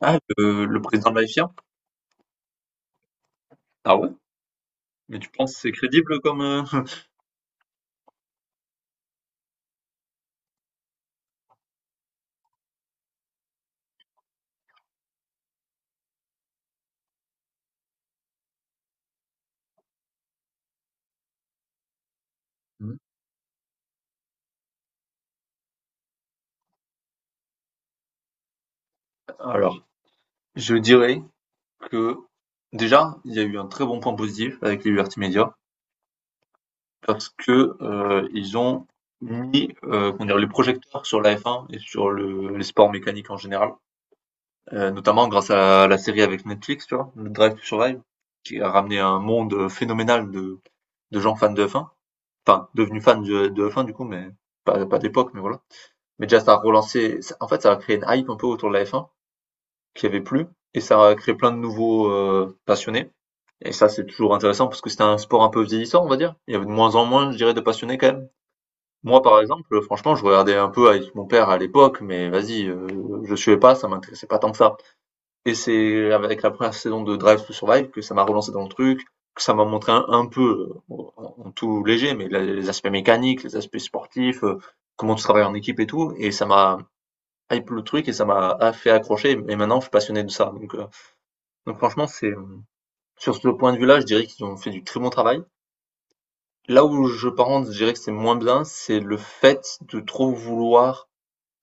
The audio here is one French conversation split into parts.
Ah, le président de la FIA? Ah ouais? Mais tu penses que c'est crédible comme... Mhm. Alors, je dirais que déjà, il y a eu un très bon point positif avec les Liberty Media parce que ils ont mis comment dire, les projecteurs sur la F1 et sur les sports mécaniques en général, notamment grâce à la série avec Netflix, tu vois, le Drive to Survive, qui a ramené un monde phénoménal de gens fans de F1, enfin devenus fans de F1 du coup, mais pas d'époque, mais voilà. Mais déjà, ça a relancé, en fait, ça a créé une hype un peu autour de la F1 qui avait plus, et ça a créé plein de nouveaux passionnés. Et ça, c'est toujours intéressant parce que c'était un sport un peu vieillissant, on va dire. Il y avait de moins en moins, je dirais, de passionnés quand même. Moi, par exemple, franchement, je regardais un peu avec mon père à l'époque, mais vas-y, je suivais pas, ça m'intéressait pas tant que ça. Et c'est avec la première saison de Drive to Survive que ça m'a relancé dans le truc, que ça m'a montré un peu, en tout léger, mais les aspects mécaniques, les aspects sportifs, comment tu travailles en équipe et tout. Et ça m'a hype le truc et ça m'a fait accrocher. Et maintenant, je suis passionné de ça. Donc, donc franchement, c'est sur ce point de vue-là, je dirais qu'ils ont fait du très bon travail. Là où je par contre, je dirais que c'est moins bien, c'est le fait de trop vouloir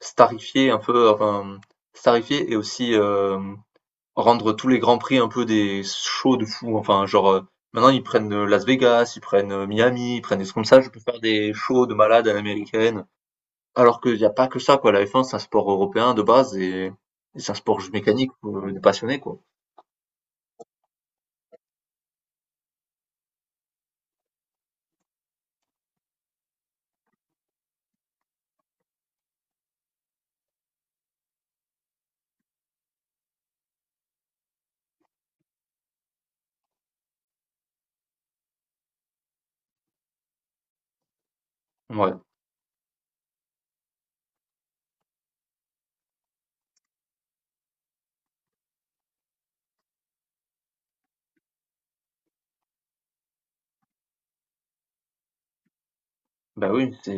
starifier un peu, enfin, starifier et aussi rendre tous les grands prix un peu des shows de fou. Enfin, genre, maintenant ils prennent Las Vegas, ils prennent Miami, ils prennent des trucs comme ça. Je peux faire des shows de malades à l'américaine. Alors qu'il y a pas que ça, quoi. La F1, c'est un sport européen de base, et c'est un sport juste mécanique pour les passionnés, quoi. Ouais, bah oui, c'est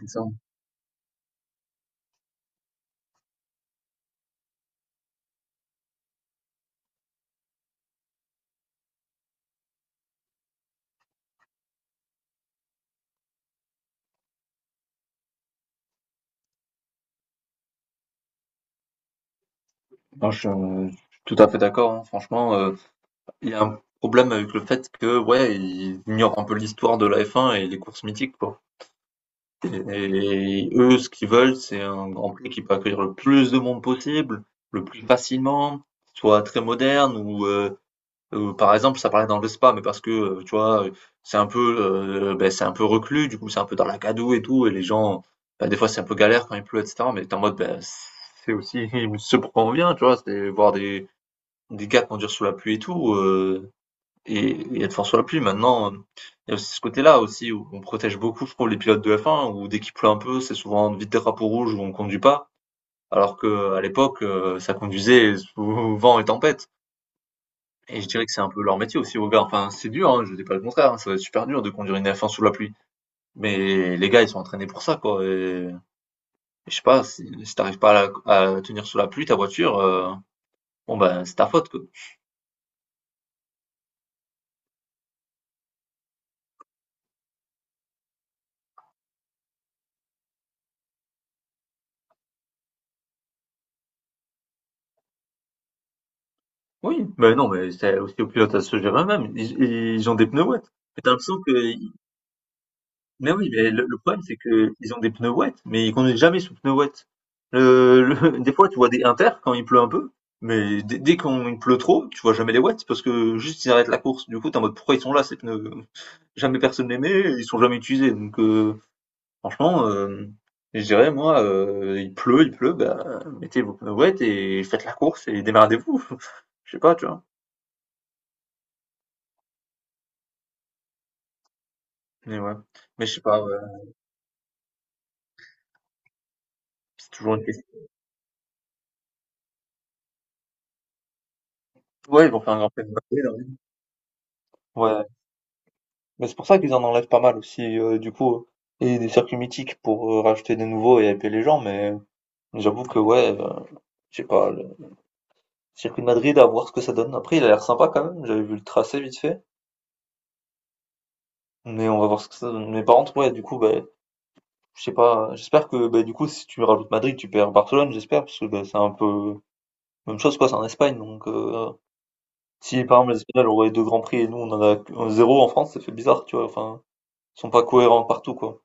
c'est ça. Non, je suis tout à fait d'accord, hein. Franchement, il y a un problème avec le fait que, ouais, ils ignorent un peu l'histoire de la F1 et les courses mythiques, quoi. Et eux, ce qu'ils veulent, c'est un Grand Prix qui peut accueillir le plus de monde possible, le plus facilement, soit très moderne ou, par exemple, ça parlait dans le Spa, mais parce que, tu vois, c'est un peu, c'est un peu reclus, du coup, c'est un peu dans la gadoue et tout, et les gens, ben des fois, c'est un peu galère quand il pleut et cetera, mais tu en mode, ben c'est aussi ce pourquoi on vient, tu vois? C'est voir des gars conduire sous la pluie et tout, et être fort sur la pluie. Maintenant, il y a aussi ce côté-là aussi où on protège beaucoup, je trouve, les pilotes de F1 où dès qu'il pleut un peu, c'est souvent vite des drapeau rouges où on conduit pas. Alors qu'à l'époque, ça conduisait sous vent et tempête. Et je dirais que c'est un peu leur métier aussi aux gars. Enfin, c'est dur, hein, je dis pas le contraire, hein, ça doit être super dur de conduire une F1 sous la pluie. Mais les gars, ils sont entraînés pour ça, quoi, et je sais pas, si tu pas à la à tenir sous la pluie ta voiture, bon, ben, c'est ta faute, quoi. Oui, mais non, mais c'est aussi aux pilotes à se gérer eux-mêmes. Ils ont des pneus wet. Mais t'as l'impression que, mais oui, mais le problème c'est que ils ont des pneus wet, mais ils conduisent jamais sous pneus wet. Des fois, tu vois des inter quand il pleut un peu, mais dès qu'il pleut trop, tu vois jamais les wets parce que juste ils arrêtent la course. Du coup, t'es en mode pourquoi ils sont là ces pneus? Jamais personne les met, ils sont jamais utilisés. Donc, franchement, je dirais moi, il pleut, bah mettez vos pneus wet et faites la course et démerdez-vous. Je sais pas, tu vois. Mais ouais, mais je sais pas, ouais, c'est toujours une question. Ouais, ils vont faire un Grand Prix de Bakou, là, oui. Ouais, mais c'est pour ça qu'ils en enlèvent pas mal aussi, du coup, et des circuits mythiques pour rajouter des nouveaux et hyper les gens, mais j'avoue que ouais, je sais pas, le circuit de Madrid, à voir ce que ça donne. Après, il a l'air sympa quand même, j'avais vu le tracé vite fait, mais on va voir ce que ça donne. Mais par contre, ouais, du coup, bah, je sais pas, j'espère que, bah, du coup, si tu rajoutes Madrid, tu perds Barcelone, j'espère, parce que bah, c'est un peu même chose, quoi, c'est en Espagne, donc si par exemple les Espagnols auraient 2 grands prix et nous on en a zéro en France, ça fait bizarre, tu vois, enfin, ils sont pas cohérents partout quoi.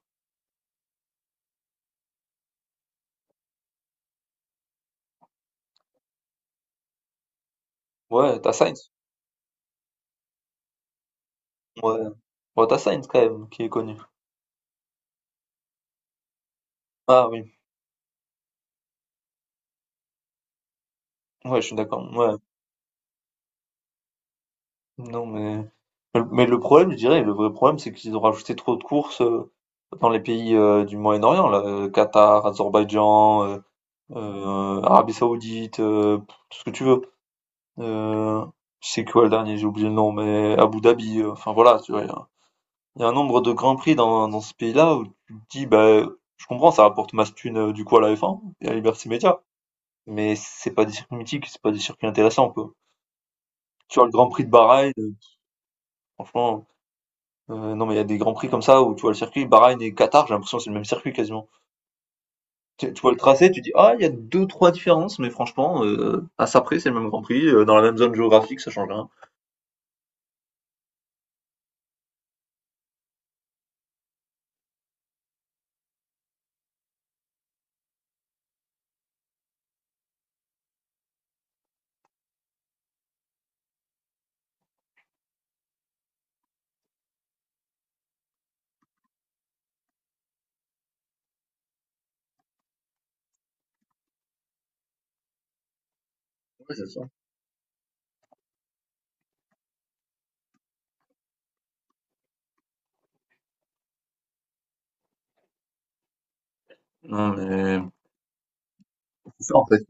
Ouais, ouais, ouais tu Sainz quand même qui est connu. Ah oui, ouais, je suis d'accord, ouais. Non, mais le problème, je dirais, le vrai problème, c'est qu'ils ont rajouté trop de courses, dans les pays, du Moyen-Orient là, Qatar, Azerbaïdjan, Arabie Saoudite, tout ce que tu veux. Heu, c'est quoi le dernier? J'ai oublié le nom, mais Abu Dhabi, enfin voilà, tu vois? Il y a un nombre de Grands Prix dans ce pays-là où tu te dis, bah, je comprends, ça rapporte masse thune du coup à la F1 et à Liberty Media, mais c'est pas des circuits mythiques, c'est pas des circuits intéressants, quoi. Tu vois, le Grand Prix de Bahreïn, franchement, non, mais il y a des Grands Prix comme ça où tu vois le circuit Bahreïn et Qatar, j'ai l'impression que c'est le même circuit quasiment. Tu vois le tracé, tu dis, ah, il y a deux, trois différences, mais franchement, à ça près, c'est le même Grand Prix, dans la même zone géographique, ça change rien. Ouais, c'est ça. Non, mais c'est ça, en fait.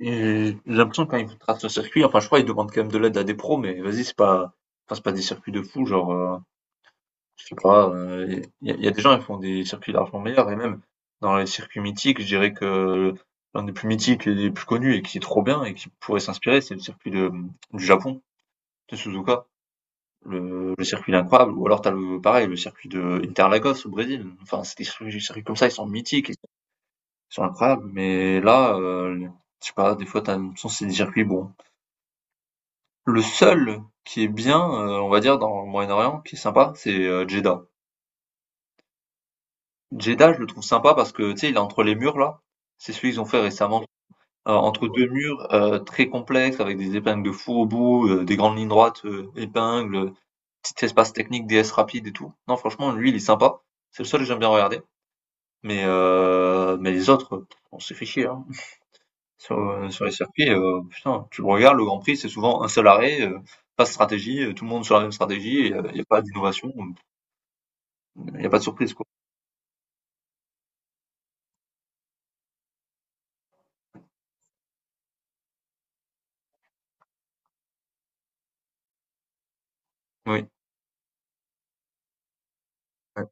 Et j'ai l'impression que quand ils tracent le circuit, enfin, je crois ils demandent quand même de l'aide à des pros, mais vas-y, c'est pas, enfin, c'est pas des circuits de fou, genre, je sais pas, il y a des gens qui font des circuits largement meilleurs, et même dans les circuits mythiques, je dirais que l'un des plus mythiques et des plus connus et qui est trop bien et qui pourrait s'inspirer, c'est le circuit du Japon, de Suzuka. Le circuit il est incroyable, ou alors t'as le, pareil, le circuit de Interlagos au Brésil. Enfin, c'est des circuits comme ça, ils sont mythiques, sont incroyables. Mais là, je sais pas, des fois, t'as l'impression que c'est des circuits bons. Le seul qui est bien, on va dire, dans le Moyen-Orient, qui est sympa, c'est Jeddah. Jeddah, je le trouve sympa parce que, tu sais, il est entre les murs, là. C'est celui qu'ils ont fait récemment. Entre deux murs très complexes, avec des épingles de fou au bout, des grandes lignes droites, épingles, petit espace technique, D s rapide et tout. Non, franchement, lui, il est sympa. C'est le seul que j'aime bien regarder. Mais, mais les autres, on s'est fait chier, hein. Sur, sur les circuits, putain, tu le regardes, le Grand Prix, c'est souvent un seul arrêt, pas de stratégie, tout le monde sur la même stratégie, il y a pas d'innovation, il y a pas de surprise, quoi. Oui, ouais.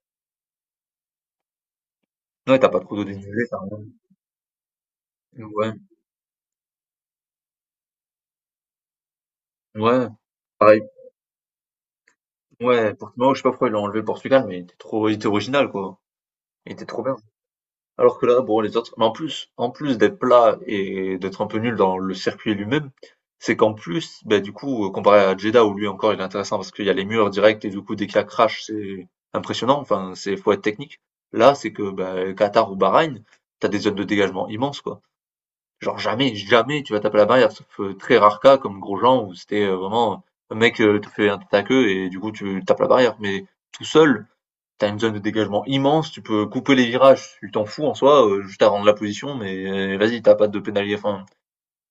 Ouais, tu pas trop de dénivelé, tu rien. Ouais, ouais, pareil. Ouais, Portimao, je sais pas pourquoi ils l'ont enlevé le Portugal, mais il était trop il était original, quoi. Il était trop bien. Alors que là, bon, les autres, mais en plus d'être plat et d'être un peu nul dans le circuit lui-même, c'est qu'en plus, ben, du coup, comparé à Jeddah, où lui encore il est intéressant parce qu'il y a les murs directs et du coup, dès qu'il y a crash, c'est impressionnant. Enfin, c'est, faut être technique. Là, c'est que, ben, Qatar ou Bahreïn, t'as des zones de dégagement immenses, quoi. Genre, jamais tu vas taper la barrière, sauf très rare cas comme Grosjean où c'était vraiment un mec te fait un tête à queue et du coup, tu tapes la barrière. Mais tout seul, t'as une zone de dégagement immense, tu peux couper les virages, tu t'en fous en soi, juste à rendre la position, mais vas-y, t'as pas de pénalité. Enfin,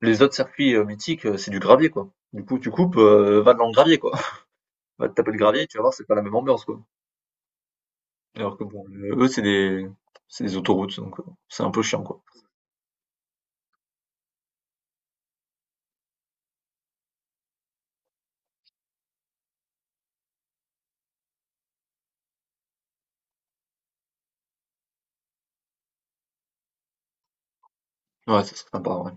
les autres circuits mythiques, c'est du gravier, quoi. Du coup, tu coupes, va dans le gravier, quoi. Va te taper le gravier, tu vas voir, c'est pas la même ambiance, quoi. Alors que bon, eux, c'est c'est des autoroutes, donc c'est un peu chiant, quoi. Ouais, ça, c'est sympa, ouais.